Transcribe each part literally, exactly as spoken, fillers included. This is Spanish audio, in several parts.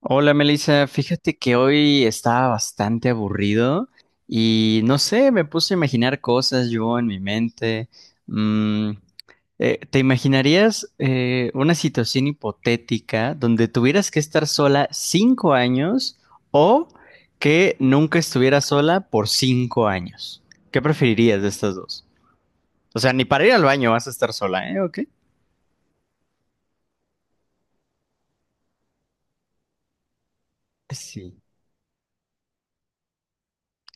Hola Melissa, fíjate que hoy estaba bastante aburrido y no sé, me puse a imaginar cosas yo en mi mente. Mm, eh, ¿Te imaginarías eh, una situación hipotética donde tuvieras que estar sola cinco años o que nunca estuvieras sola por cinco años? ¿Qué preferirías de estas dos? O sea, ni para ir al baño vas a estar sola, ¿eh? ¿O? Sí.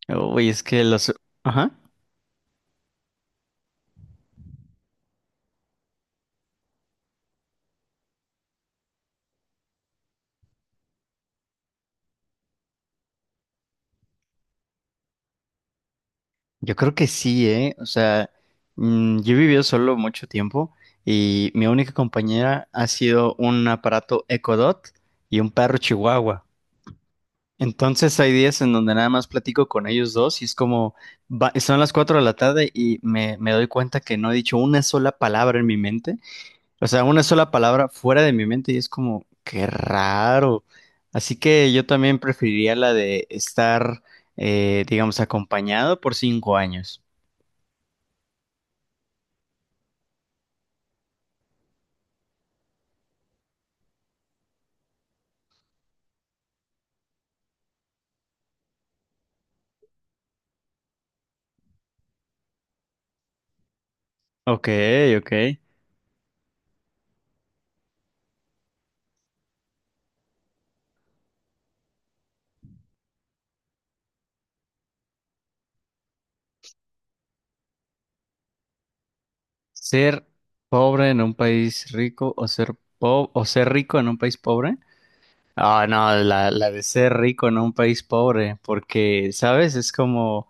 Uy, es que los. Ajá. Yo creo que sí, ¿eh? O sea, mm, yo he vivido solo mucho tiempo y mi única compañera ha sido un aparato Echo Dot y un perro chihuahua. Entonces hay días en donde nada más platico con ellos dos y es como, va- son las cuatro de la tarde y me, me doy cuenta que no he dicho una sola palabra en mi mente, o sea, una sola palabra fuera de mi mente y es como, qué raro. Así que yo también preferiría la de estar, eh, digamos, acompañado por cinco años. Ok, ok. Ser pobre en un país rico o ser po- o ser rico en un país pobre. Ah, no, la, la de ser rico en un país pobre, porque, ¿sabes? Es como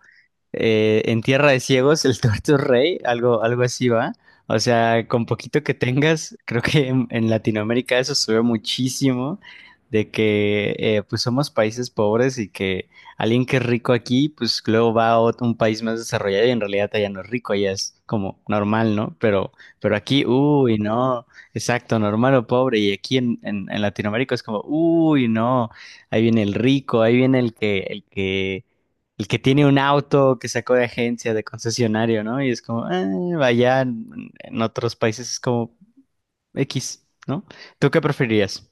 eh, en Tierra de Ciegos, el tuerto es rey, algo, algo así va. O sea, con poquito que tengas, creo que en, en Latinoamérica eso se ve muchísimo, de que eh, pues somos países pobres y que alguien que es rico aquí, pues luego va a otro- un país más desarrollado y en realidad allá no es rico, allá es como normal, ¿no? Pero, pero aquí, uy, no, exacto, normal o pobre. Y aquí en, en en Latinoamérica es como, uy, no, ahí viene el rico, ahí viene el que, el que el que tiene un auto que sacó de agencia, de concesionario, ¿no? Y es como, eh, vaya, en en otros países es como X, ¿no? ¿Tú qué preferirías?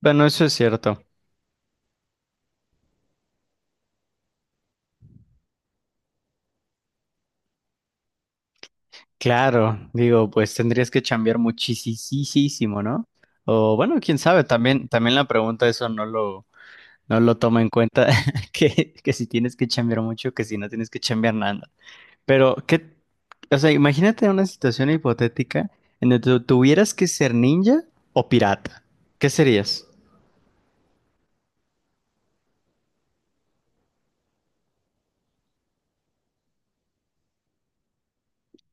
Bueno, eso es cierto. Claro, digo, pues tendrías que chambear muchísimo, ¿no? O bueno, quién sabe, también, también la pregunta eso no lo, no lo toma en cuenta, que, que si tienes que chambear mucho, que si no tienes que chambear nada. Pero, ¿qué? O sea, imagínate una situación hipotética en donde tu- tuvieras que ser ninja o pirata. ¿Qué serías?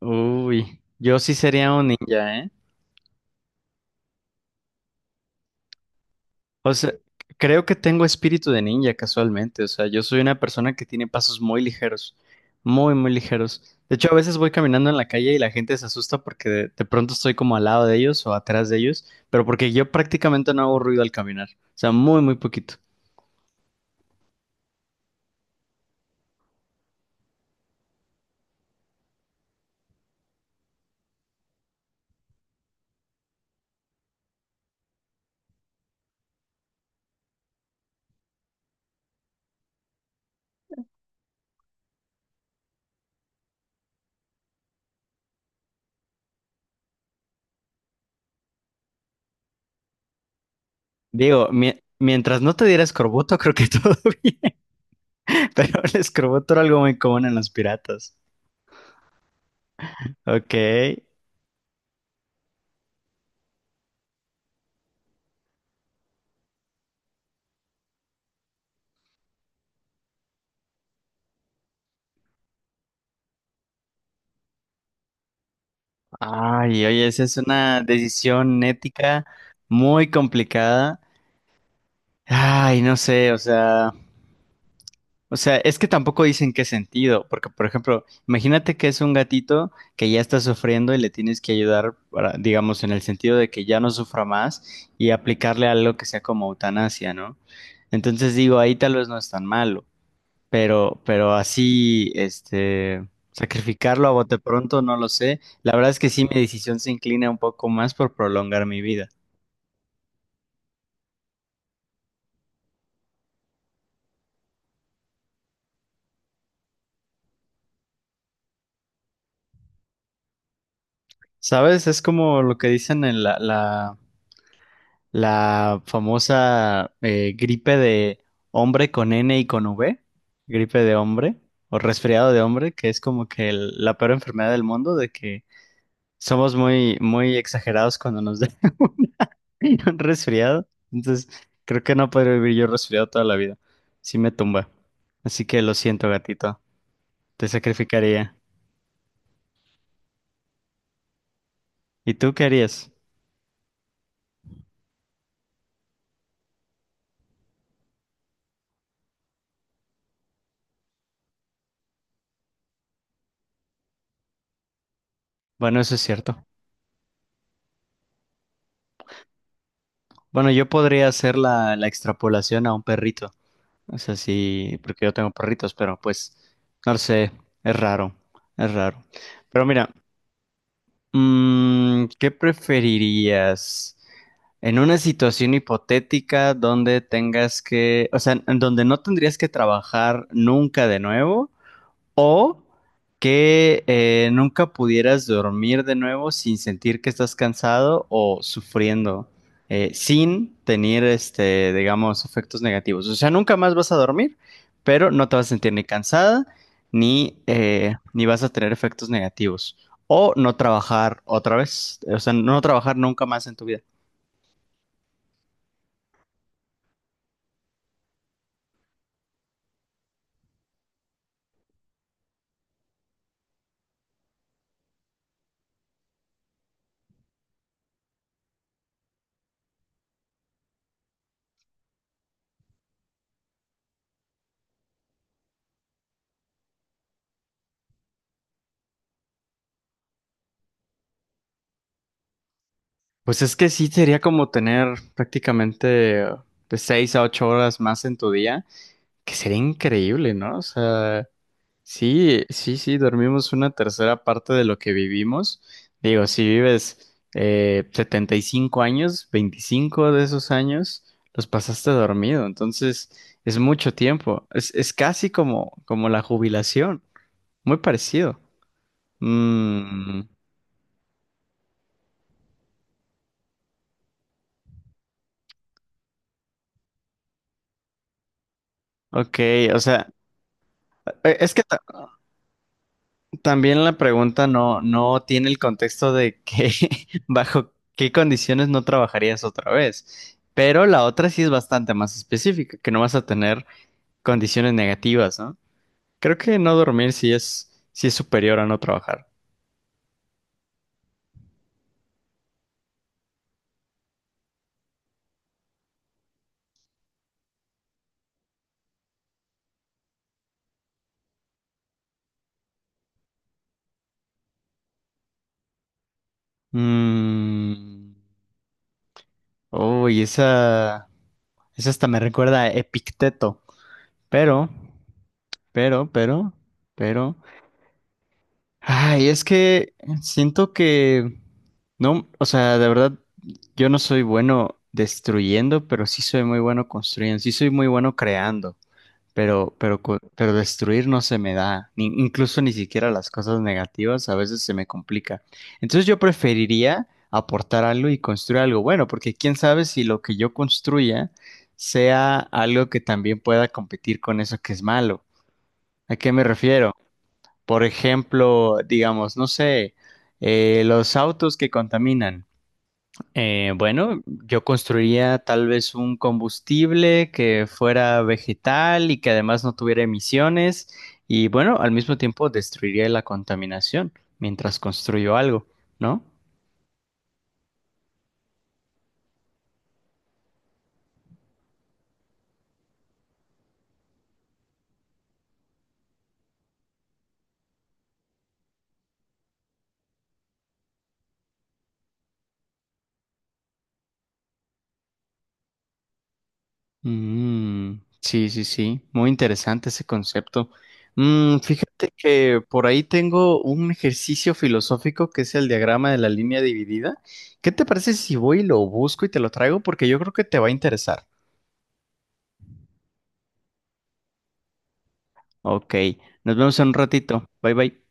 Uy, yo sí sería un ninja, ¿eh? O sea, creo que tengo espíritu de ninja casualmente. O sea, yo soy una persona que tiene pasos muy ligeros, muy, muy ligeros. De hecho, a veces voy caminando en la calle y la gente se asusta porque de, de pronto estoy como al lado de ellos o atrás de ellos, pero porque yo prácticamente no hago ruido al caminar. O sea, muy, muy poquito. Digo, mi- mientras no te diera escorbuto, creo que todo bien. Pero el escorbuto era algo muy común en los piratas. Ok. Ay, oye, esa es una decisión ética muy complicada. Ay, no sé, o sea, o sea, es que tampoco dicen qué sentido, porque por ejemplo, imagínate que es un gatito que ya está sufriendo y le tienes que ayudar para, digamos, en el sentido de que ya no sufra más y aplicarle algo que sea como eutanasia, ¿no? Entonces digo, ahí tal vez no es tan malo. Pero, pero así, este, sacrificarlo a bote pronto, no lo sé. La verdad es que sí, mi decisión se inclina un poco más por prolongar mi vida. ¿Sabes? Es como lo que dicen en la, la, la famosa eh, gripe de hombre con N y con V, gripe de hombre o resfriado de hombre, que es como que el- la peor enfermedad del mundo, de que somos muy, muy exagerados cuando nos da resfriado. Entonces, creo que no podré vivir yo resfriado toda la vida. Sí me tumba. Así que lo siento, gatito. Te sacrificaría. ¿Y tú qué harías? Bueno, eso es cierto. Bueno, yo podría hacer la, la extrapolación a un perrito. O sea, sí, porque yo tengo perritos, pero pues, no lo sé, es raro, es raro. Pero mira, Mm, ¿qué preferirías? En una situación hipotética donde tengas que, o sea, en donde no tendrías que trabajar nunca de nuevo, o que eh, nunca pudieras dormir de nuevo sin sentir que estás cansado o sufriendo, eh, sin tener, este, digamos, efectos negativos. O sea, nunca más vas a dormir, pero no te vas a sentir ni cansada, ni, eh, ni vas a tener efectos negativos. O no trabajar otra vez, o sea, no trabajar nunca más en tu vida. Pues es que sí sería como tener prácticamente eh, de seis a ocho horas más en tu día, que sería increíble, ¿no? O sea. Sí, sí, sí, dormimos una tercera parte de lo que vivimos. Digo, si vives eh, setenta y cinco años, veinticinco de esos años los pasaste dormido, entonces es mucho tiempo. Es, es casi como, como la jubilación, muy parecido. Mm, ok, o sea, eh, es que ta- También la pregunta no, no tiene el contexto de que bajo qué condiciones no trabajarías otra vez. Pero la otra sí es bastante más específica, que no vas a tener condiciones negativas, ¿no? Creo que no dormir sí es, sí es superior a no trabajar. Mm. Uy, esa, esa hasta me recuerda a Epicteto. Pero, pero, pero, pero. Ay, es que siento que no, o sea, de verdad, yo no soy bueno destruyendo, pero sí soy muy bueno construyendo, sí soy muy bueno creando, pero, pero, co- pero destruir no se me da, ni- incluso ni siquiera las cosas negativas a veces se me complica. Entonces yo preferiría aportar algo y construir algo bueno, porque quién sabe si lo que yo construya sea algo que también pueda competir con eso que es malo. ¿A qué me refiero? Por ejemplo, digamos, no sé, eh, los autos que contaminan. Eh, bueno, yo construiría tal vez un combustible que fuera vegetal y que además no tuviera emisiones y bueno, al mismo tiempo destruiría la contaminación mientras construyo algo, ¿no? Mm, sí, sí, sí, muy interesante ese concepto. Mm, fíjate que por ahí tengo un ejercicio filosófico que es el diagrama de la línea dividida. ¿Qué te parece si voy y lo busco y te lo traigo? Porque yo creo que te va a interesar. Ok, nos vemos en un ratito. Bye bye.